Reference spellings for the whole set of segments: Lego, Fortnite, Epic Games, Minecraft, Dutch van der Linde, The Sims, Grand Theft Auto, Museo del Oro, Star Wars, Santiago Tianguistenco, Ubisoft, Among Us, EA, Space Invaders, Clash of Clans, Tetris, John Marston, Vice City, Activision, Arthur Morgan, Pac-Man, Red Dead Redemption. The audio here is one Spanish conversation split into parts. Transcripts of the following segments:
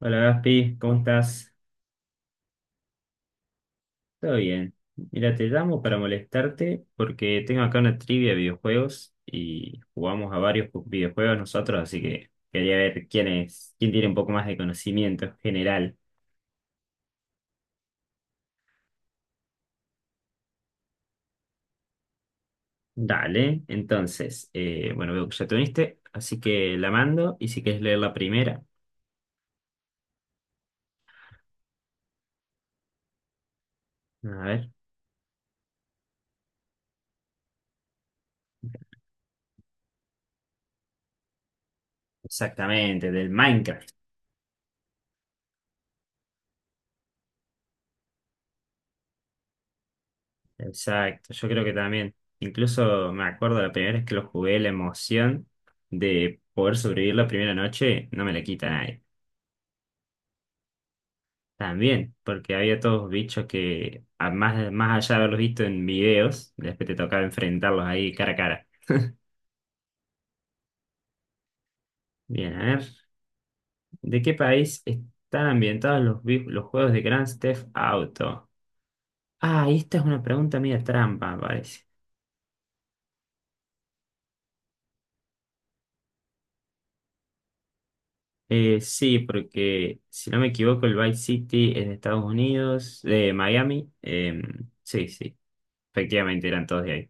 Hola Gaspi, ¿cómo estás? Todo bien. Mira, te llamo para molestarte porque tengo acá una trivia de videojuegos y jugamos a varios videojuegos nosotros, así que quería ver quién es, quién tiene un poco más de conocimiento general. Dale, entonces, bueno, veo que ya te uniste, así que la mando y si quieres leer la primera, a ver, exactamente, del Minecraft. Exacto, yo creo que también, incluso me acuerdo la primera vez que lo jugué, la emoción de poder sobrevivir la primera noche no me la quita nadie. También, porque había todos bichos que, a más, más allá de haberlos visto en videos, después te tocaba enfrentarlos ahí cara a cara. Bien, a ver, ¿de qué país están ambientados los juegos de Grand Theft Auto? Ah, y esta es una pregunta media trampa, me parece. Sí, porque si no me equivoco, el Vice City es de Estados Unidos, de Miami. Sí, sí, efectivamente eran todos de ahí.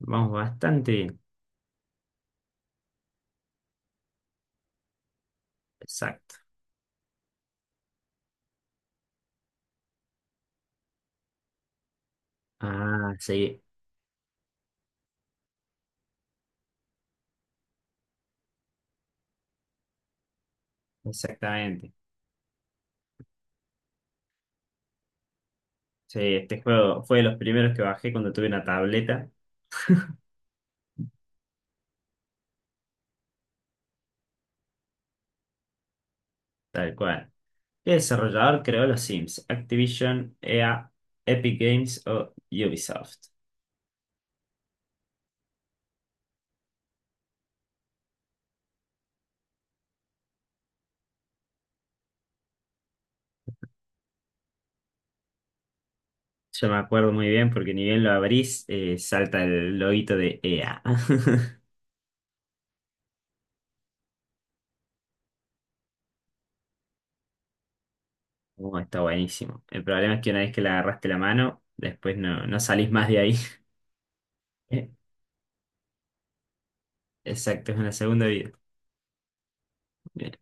Vamos bastante bien. Exacto. Ah, sí, exactamente. Sí, este juego fue de los primeros que bajé cuando tuve una tableta, tal cual. ¿Qué desarrollador creó los Sims? Activision, EA, Epic Games o Ubisoft. Yo me acuerdo muy bien porque ni bien lo abrís, salta el loguito de EA. Oh, está buenísimo. El problema es que una vez que le agarraste la mano, después no, no salís más de ahí. Eh, Exacto, es una segunda vida. Bien.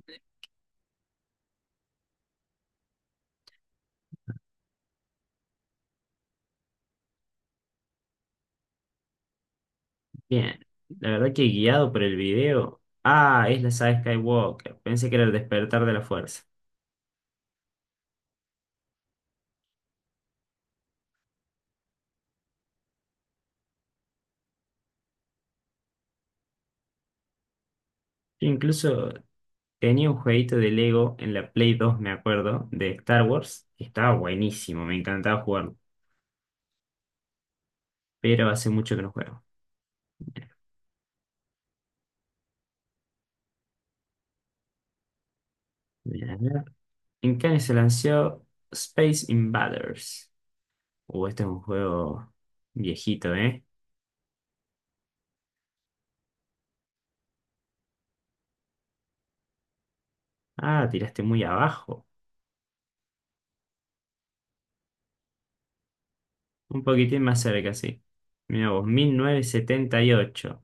Bien. La verdad que guiado por el video. Ah, es la saga Skywalker. Pensé que era el despertar de la fuerza. Yo incluso tenía un jueguito de Lego en la Play 2 me acuerdo, de Star Wars. Que Estaba buenísimo, me encantaba jugarlo. Pero hace mucho que no juego. Bien, a ver. En Cannes se lanzó Space Invaders. Este es un juego viejito, ¿eh? Ah, tiraste muy abajo. Un poquitín más cerca, sí. Mira vos, mil novecientos setenta y ocho.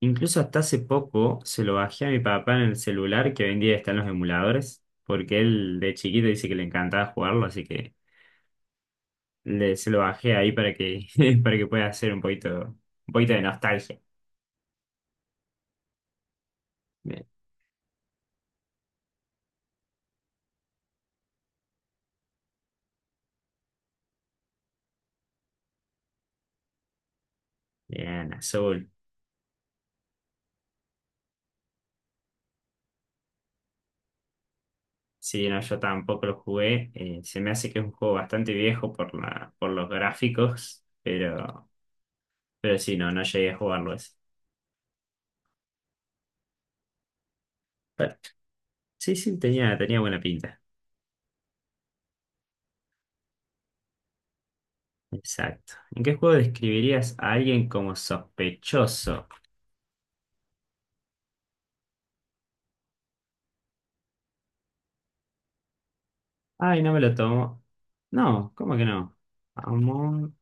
Incluso hasta hace poco se lo bajé a mi papá en el celular que hoy en día está en los emuladores, porque él de chiquito dice que le encantaba jugarlo, así que se lo bajé ahí para que, para que pueda hacer un poquito de nostalgia. Bien. Bien, azul. Sí, no, yo tampoco lo jugué. Se me hace que es un juego bastante viejo por los gráficos, pero sí, no, no llegué a jugarlo ese. Bueno, sí, sí, tenía, tenía buena pinta. Exacto. ¿En qué juego describirías a alguien como sospechoso? Ay, no me lo tomo. No, ¿cómo que no? Among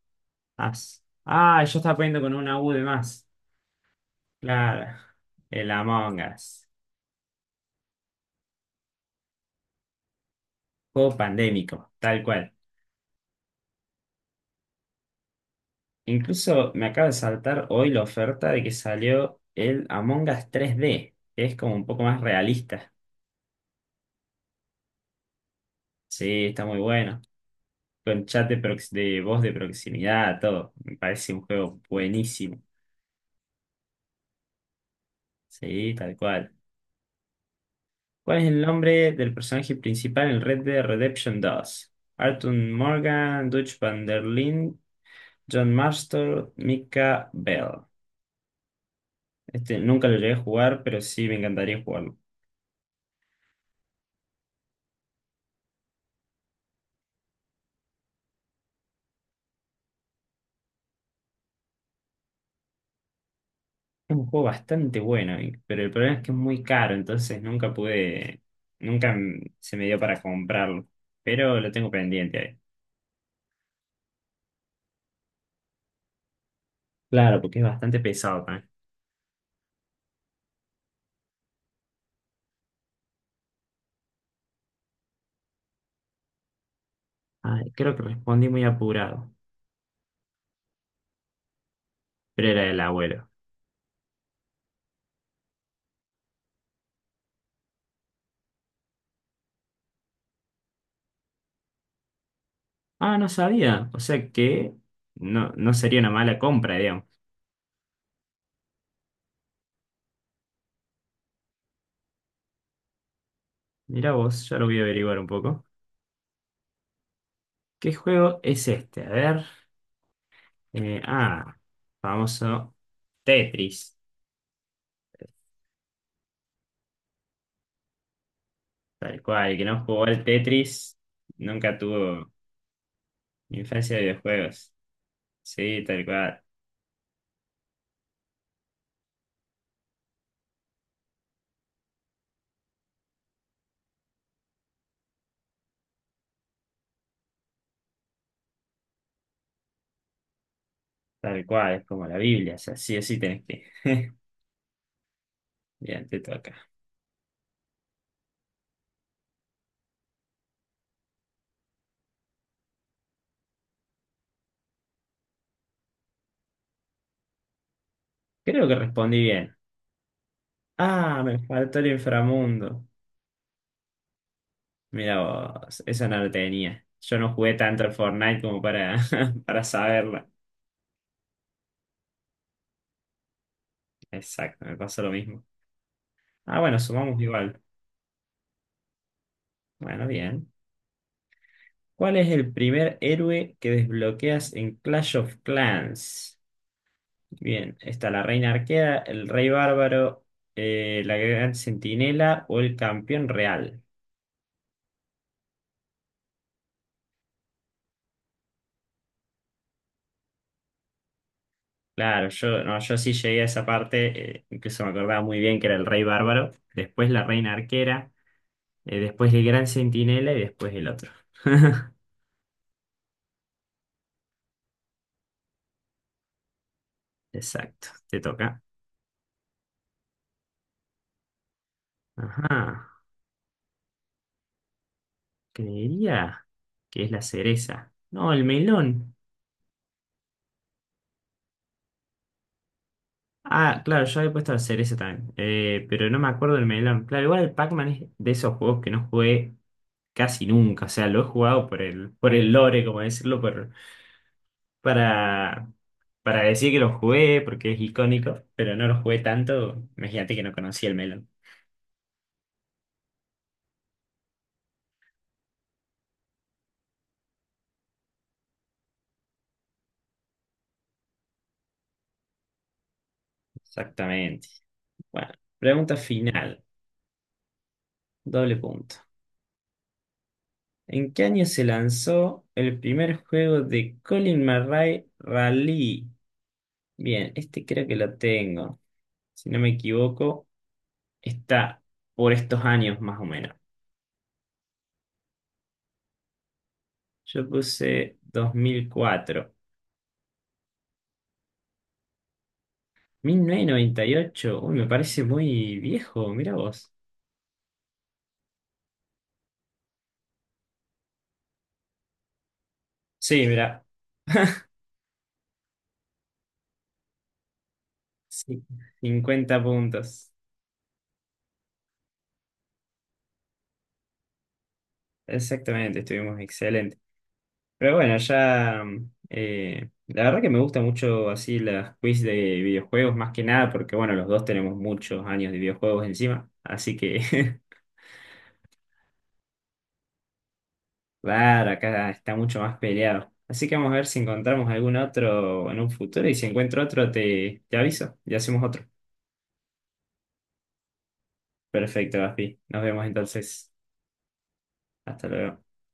Us. Ah, yo estaba poniendo con una U de más. Claro. El Among Us. Juego pandémico, tal cual. Incluso me acaba de saltar hoy la oferta de que salió el Among Us 3D, que es como un poco más realista. Sí, está muy bueno. con chat de, prox- de voz de proximidad, todo. Me parece un juego buenísimo. Sí, tal cual. ¿Cuál es el nombre del personaje principal en Red Dead Redemption dos? Arthur Morgan, Dutch van der Linde, John Marston, Mika Bell. Este nunca lo llegué a jugar, pero sí me encantaría jugarlo. Es un juego bastante bueno, pero el problema es que es muy caro, entonces nunca pude, nunca m- se me dio para comprarlo. Pero lo tengo pendiente ahí. Claro, porque es bastante pesado. Ay, creo que respondí muy apurado, pero era el abuelo. Ah, no sabía. O sea que no, no sería una mala compra, digamos. Mirá vos, ya lo voy a averiguar un poco. ¿Qué juego es este? A ver. eh, ah, Famoso Tetris. Tal cual, el que no jugó al Tetris nunca tuvo infancia de videojuegos. Sí, tal cual, es como la Biblia, o sea, sí o sí tenés que. Bien, te toca. Creo que respondí bien. Ah, me faltó el inframundo. Mira vos, esa no la tenía. Yo no jugué tanto al Fortnite como para, para saberla. Exacto, me pasó lo mismo. Ah, bueno, sumamos igual. Bueno, bien. ¿Cuál es el primer héroe que desbloqueas en Clash of Clans? Bien, está la Reina Arquera, el Rey Bárbaro, la Gran Centinela o el Campeón Real. Claro, yo, no, yo sí llegué a esa parte, incluso me acordaba muy bien que era el Rey Bárbaro. Después la Reina Arquera. Después el Gran Centinela y después el otro. Exacto, te toca. Ajá, creería que es la cereza. No, el melón. Ah, claro, yo había puesto la cereza también, pero no me acuerdo del melón. Claro, igual el Pac-Man es de esos juegos que no jugué casi nunca. O sea, lo he jugado por el lore, como decirlo, para, para decir que lo jugué, porque es icónico, pero no lo jugué tanto. Imagínate que no conocía el melón. Exactamente. Bueno, pregunta final. Doble punto. ¿En qué año se lanzó el primer juego de Colin Murray Rally? Bien, este creo que lo tengo. Si no me equivoco, está por estos años más o menos. Yo puse 2004. 1998. Uy, me parece muy viejo. Mira vos. Sí, mira. Sí. 50 puntos. Exactamente, estuvimos excelentes. Pero bueno, ya. La verdad que me gusta mucho así las quiz de videojuegos, más que nada, porque bueno, los dos tenemos muchos años de videojuegos encima. Así que, claro, acá está mucho más peleado. Así que vamos a ver si encontramos algún otro en un futuro y si encuentro otro, te aviso y hacemos otro. Perfecto, Gaspi. Nos vemos entonces. Hasta luego.